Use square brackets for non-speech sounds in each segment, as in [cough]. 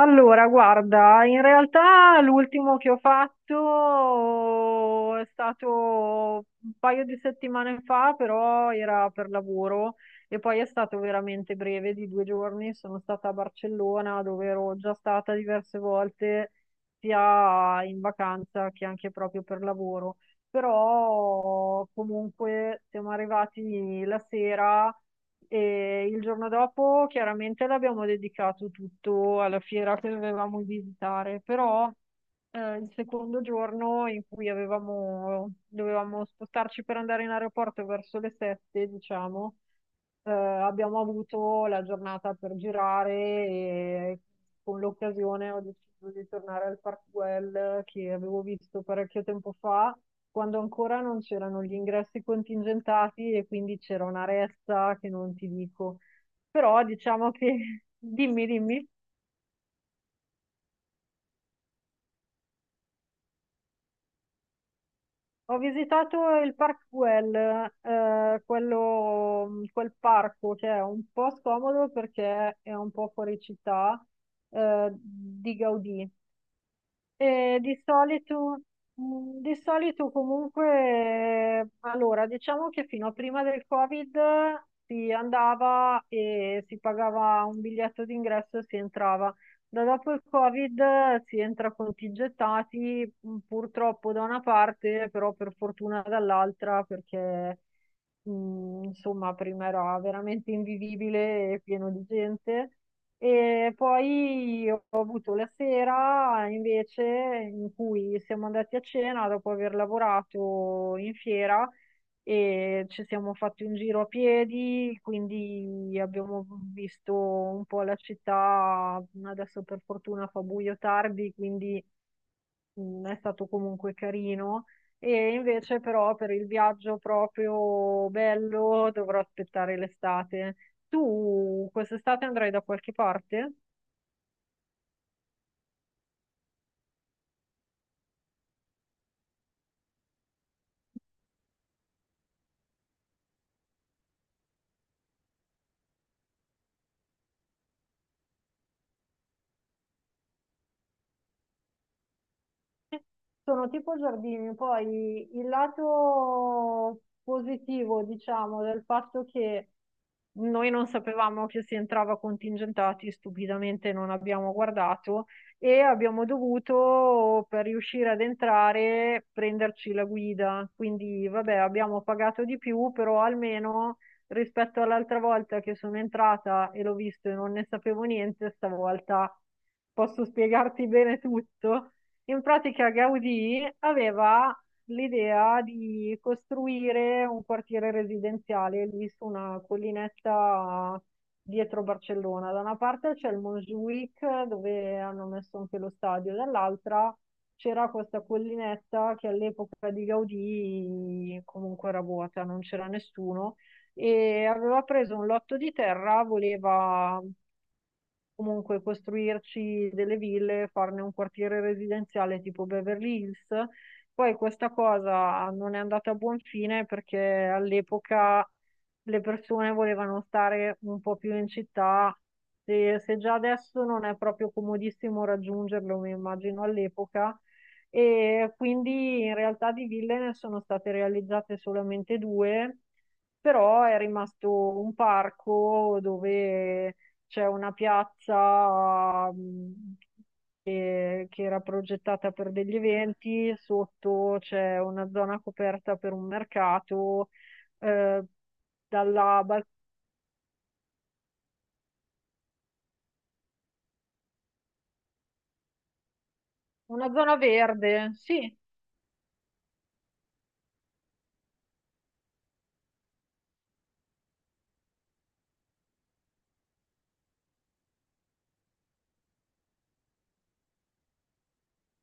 Allora, guarda, in realtà l'ultimo che ho fatto è stato un paio di settimane fa, però era per lavoro e poi è stato veramente breve, di 2 giorni. Sono stata a Barcellona, dove ero già stata diverse volte, sia in vacanza che anche proprio per lavoro. Però comunque siamo arrivati la sera. E il giorno dopo chiaramente l'abbiamo dedicato tutto alla fiera che dovevamo visitare, però il secondo giorno in cui dovevamo spostarci per andare in aeroporto verso le 7, diciamo, abbiamo avuto la giornata per girare e con l'occasione ho deciso di tornare al Park Güell che avevo visto parecchio tempo fa quando ancora non c'erano gli ingressi contingentati e quindi c'era una ressa che non ti dico. Però diciamo che, [laughs] dimmi, dimmi, ho visitato il Parkwell, quel parco che è un po' scomodo perché è un po' fuori città, di Gaudì. Di solito di solito comunque, allora, diciamo che fino a prima del Covid si andava e si pagava un biglietto d'ingresso e si entrava. Da dopo il Covid si entra contingentati, purtroppo da una parte, però per fortuna dall'altra, perché insomma prima era veramente invivibile e pieno di gente. E poi ho avuto la sera invece in cui siamo andati a cena dopo aver lavorato in fiera e ci siamo fatti un giro a piedi, quindi abbiamo visto un po' la città. Adesso per fortuna fa buio tardi, quindi è stato comunque carino. E invece però per il viaggio proprio bello dovrò aspettare l'estate. Tu quest'estate andrai da qualche parte? Sono tipo giardini, poi il lato positivo, diciamo, del fatto che noi non sapevamo che si entrava contingentati, stupidamente non abbiamo guardato e abbiamo dovuto, per riuscire ad entrare, prenderci la guida. Quindi, vabbè, abbiamo pagato di più, però almeno rispetto all'altra volta che sono entrata e l'ho visto e non ne sapevo niente, stavolta posso spiegarti bene tutto. In pratica Gaudì aveva l'idea di costruire un quartiere residenziale lì su una collinetta dietro Barcellona. Da una parte c'è il Montjuïc dove hanno messo anche lo stadio, dall'altra c'era questa collinetta che all'epoca di Gaudì comunque era vuota, non c'era nessuno e aveva preso un lotto di terra, voleva comunque costruirci delle ville, farne un quartiere residenziale tipo Beverly Hills. Poi questa cosa non è andata a buon fine perché all'epoca le persone volevano stare un po' più in città. Se, se già adesso non è proprio comodissimo raggiungerlo, mi immagino all'epoca. E quindi in realtà di ville ne sono state realizzate solamente due, però è rimasto un parco dove c'è una piazza che era progettata per degli eventi, sotto c'è una zona coperta per un mercato, eh, dalla bal- una zona verde, sì.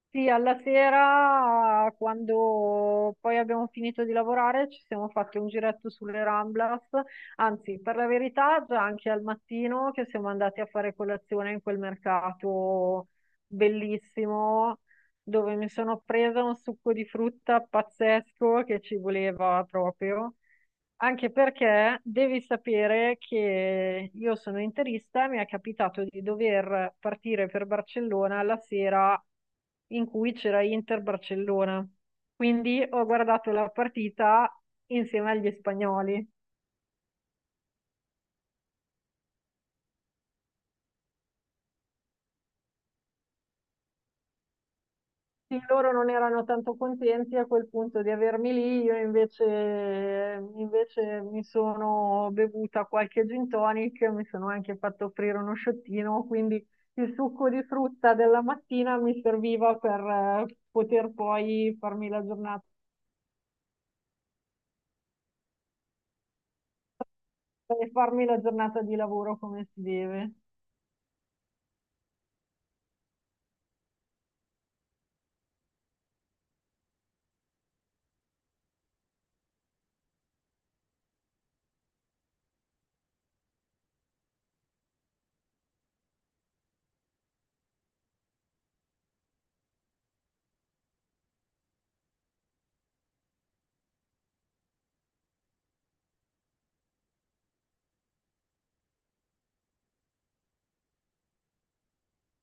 Sì, alla sera, quando poi abbiamo finito di lavorare, ci siamo fatti un giretto sulle Ramblas, anzi, per la verità, già anche al mattino che siamo andati a fare colazione in quel mercato bellissimo, dove mi sono presa un succo di frutta pazzesco che ci voleva proprio. Anche perché devi sapere che io sono interista, mi è capitato di dover partire per Barcellona la sera in cui c'era Inter-Barcellona. Quindi ho guardato la partita insieme agli spagnoli. Sì, loro non erano tanto contenti a quel punto di avermi lì, io invece mi sono bevuta qualche gin tonic, mi sono anche fatto offrire uno sciottino, quindi il succo di frutta della mattina mi serviva per poter poi farmi la giornata, per farmi la giornata di lavoro come si deve.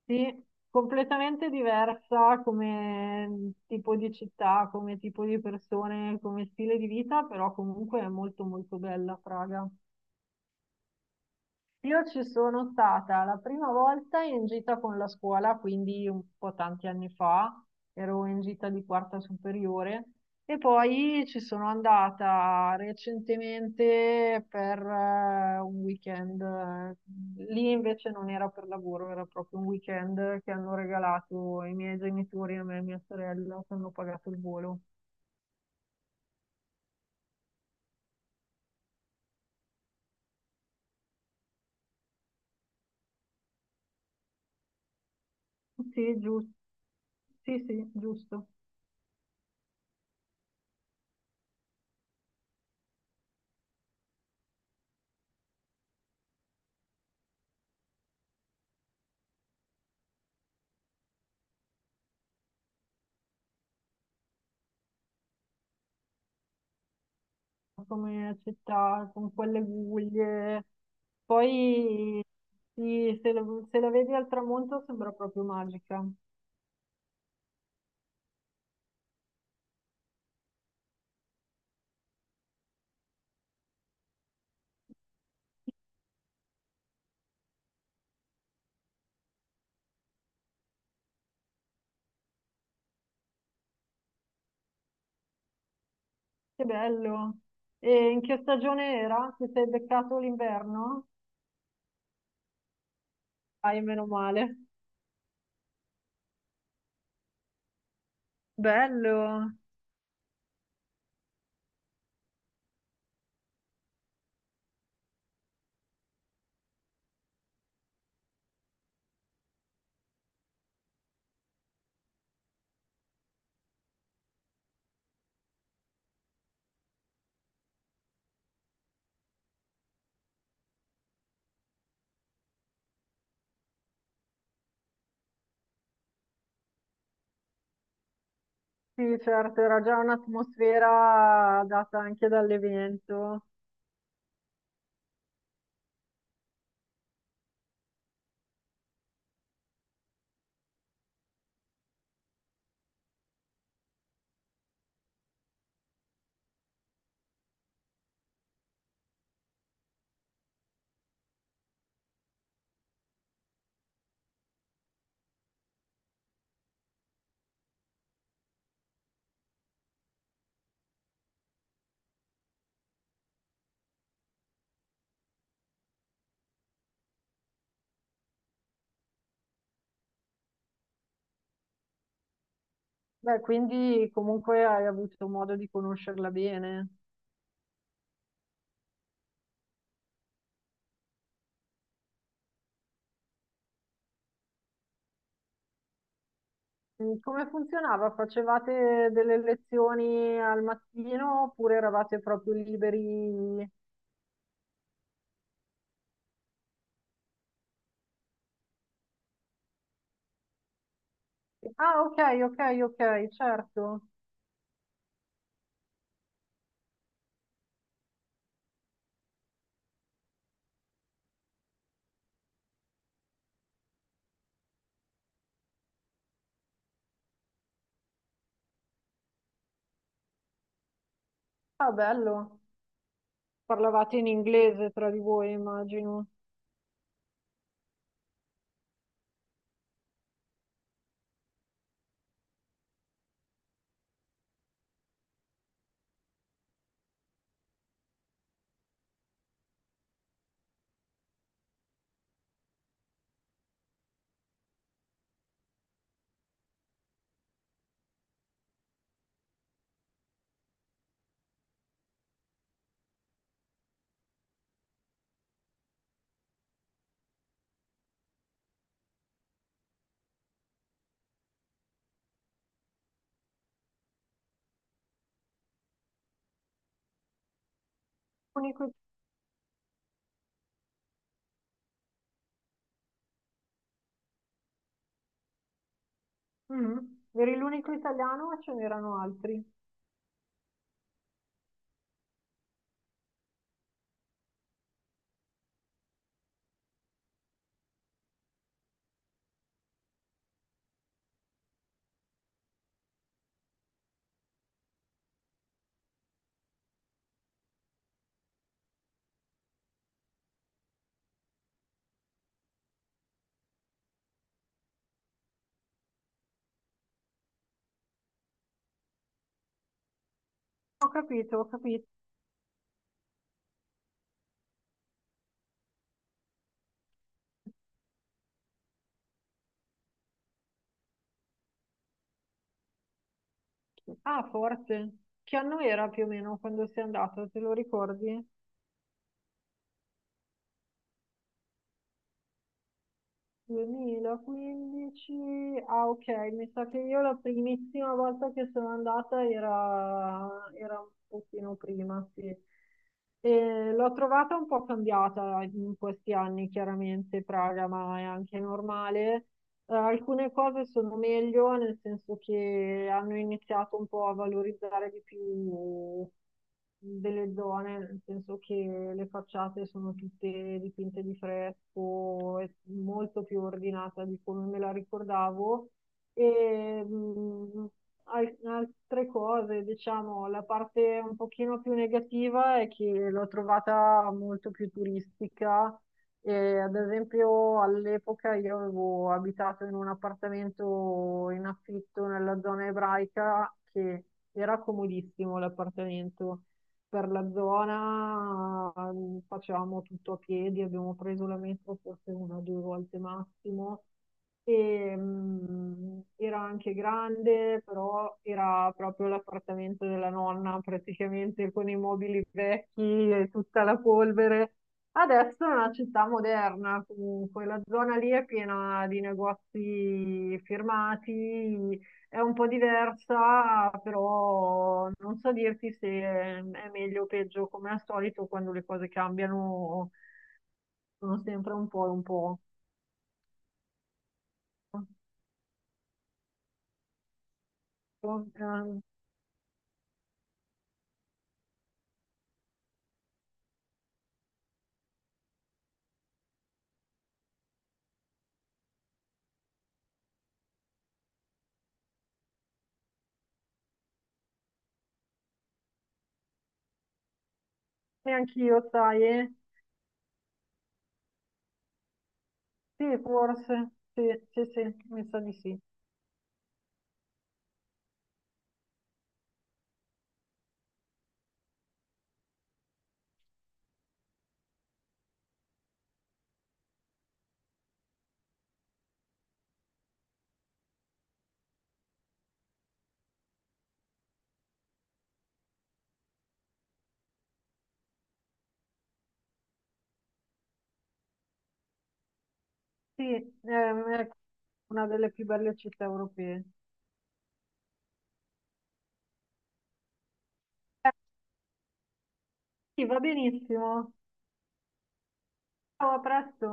Sì, completamente diversa come tipo di città, come tipo di persone, come stile di vita, però comunque è molto molto bella Praga. Io ci sono stata la prima volta in gita con la scuola, quindi un po' tanti anni fa, ero in gita di quarta superiore e poi ci sono andata recentemente per un weekend. Lì invece non era per lavoro, era proprio un weekend che hanno regalato i miei genitori a me e mia sorella, che hanno pagato il volo. Sì, giusto. Sì, sì, giusto. Come città, con quelle guglie. Poi sì, se la vedi al tramonto sembra proprio magica. Che bello. E in che stagione era? Ti sei beccato l'inverno? Ai meno male. Bello. Sì, certo, era già un'atmosfera data anche dall'evento. Beh, quindi comunque hai avuto modo di conoscerla bene. Come funzionava? Facevate delle lezioni al mattino oppure eravate proprio liberi? Ah, ok, ok, ok, certo. Ah, bello. Parlavate in inglese tra di voi, immagino. Unico... Mm, Eri l'unico italiano o ce n'erano altri? Ho capito, ho capito. Ah, forse. Che anno era più o meno quando sei andato, te lo ricordi? 2015, ah ok, mi sa che io la primissima volta che sono andata era, era un pochino prima, sì. E l'ho trovata un po' cambiata in questi anni, chiaramente Praga, ma è anche normale. Alcune cose sono meglio, nel senso che hanno iniziato un po' a valorizzare di più delle zone, nel senso che le facciate sono tutte dipinte di fresco, è molto più ordinata di come me la ricordavo. E, altre cose, diciamo, la parte un pochino più negativa è che l'ho trovata molto più turistica e, ad esempio, all'epoca io avevo abitato in un appartamento in affitto nella zona ebraica che era comodissimo l'appartamento per la zona, facevamo tutto a piedi, abbiamo preso la metro forse una o due volte massimo. E, era anche grande, però era proprio l'appartamento della nonna, praticamente con i mobili vecchi e tutta la polvere. Adesso è una città moderna, comunque, la zona lì è piena di negozi firmati, è un po' diversa, però non so dirti se è meglio o peggio, come al solito quando le cose cambiano sono sempre un po'. Eh, E anch'io, sai, eh? Sì, forse, sì, sì, sì, mi sa di sì. Sì, è una delle più belle città europee. Eh, Sì, va benissimo. Ciao, a presto.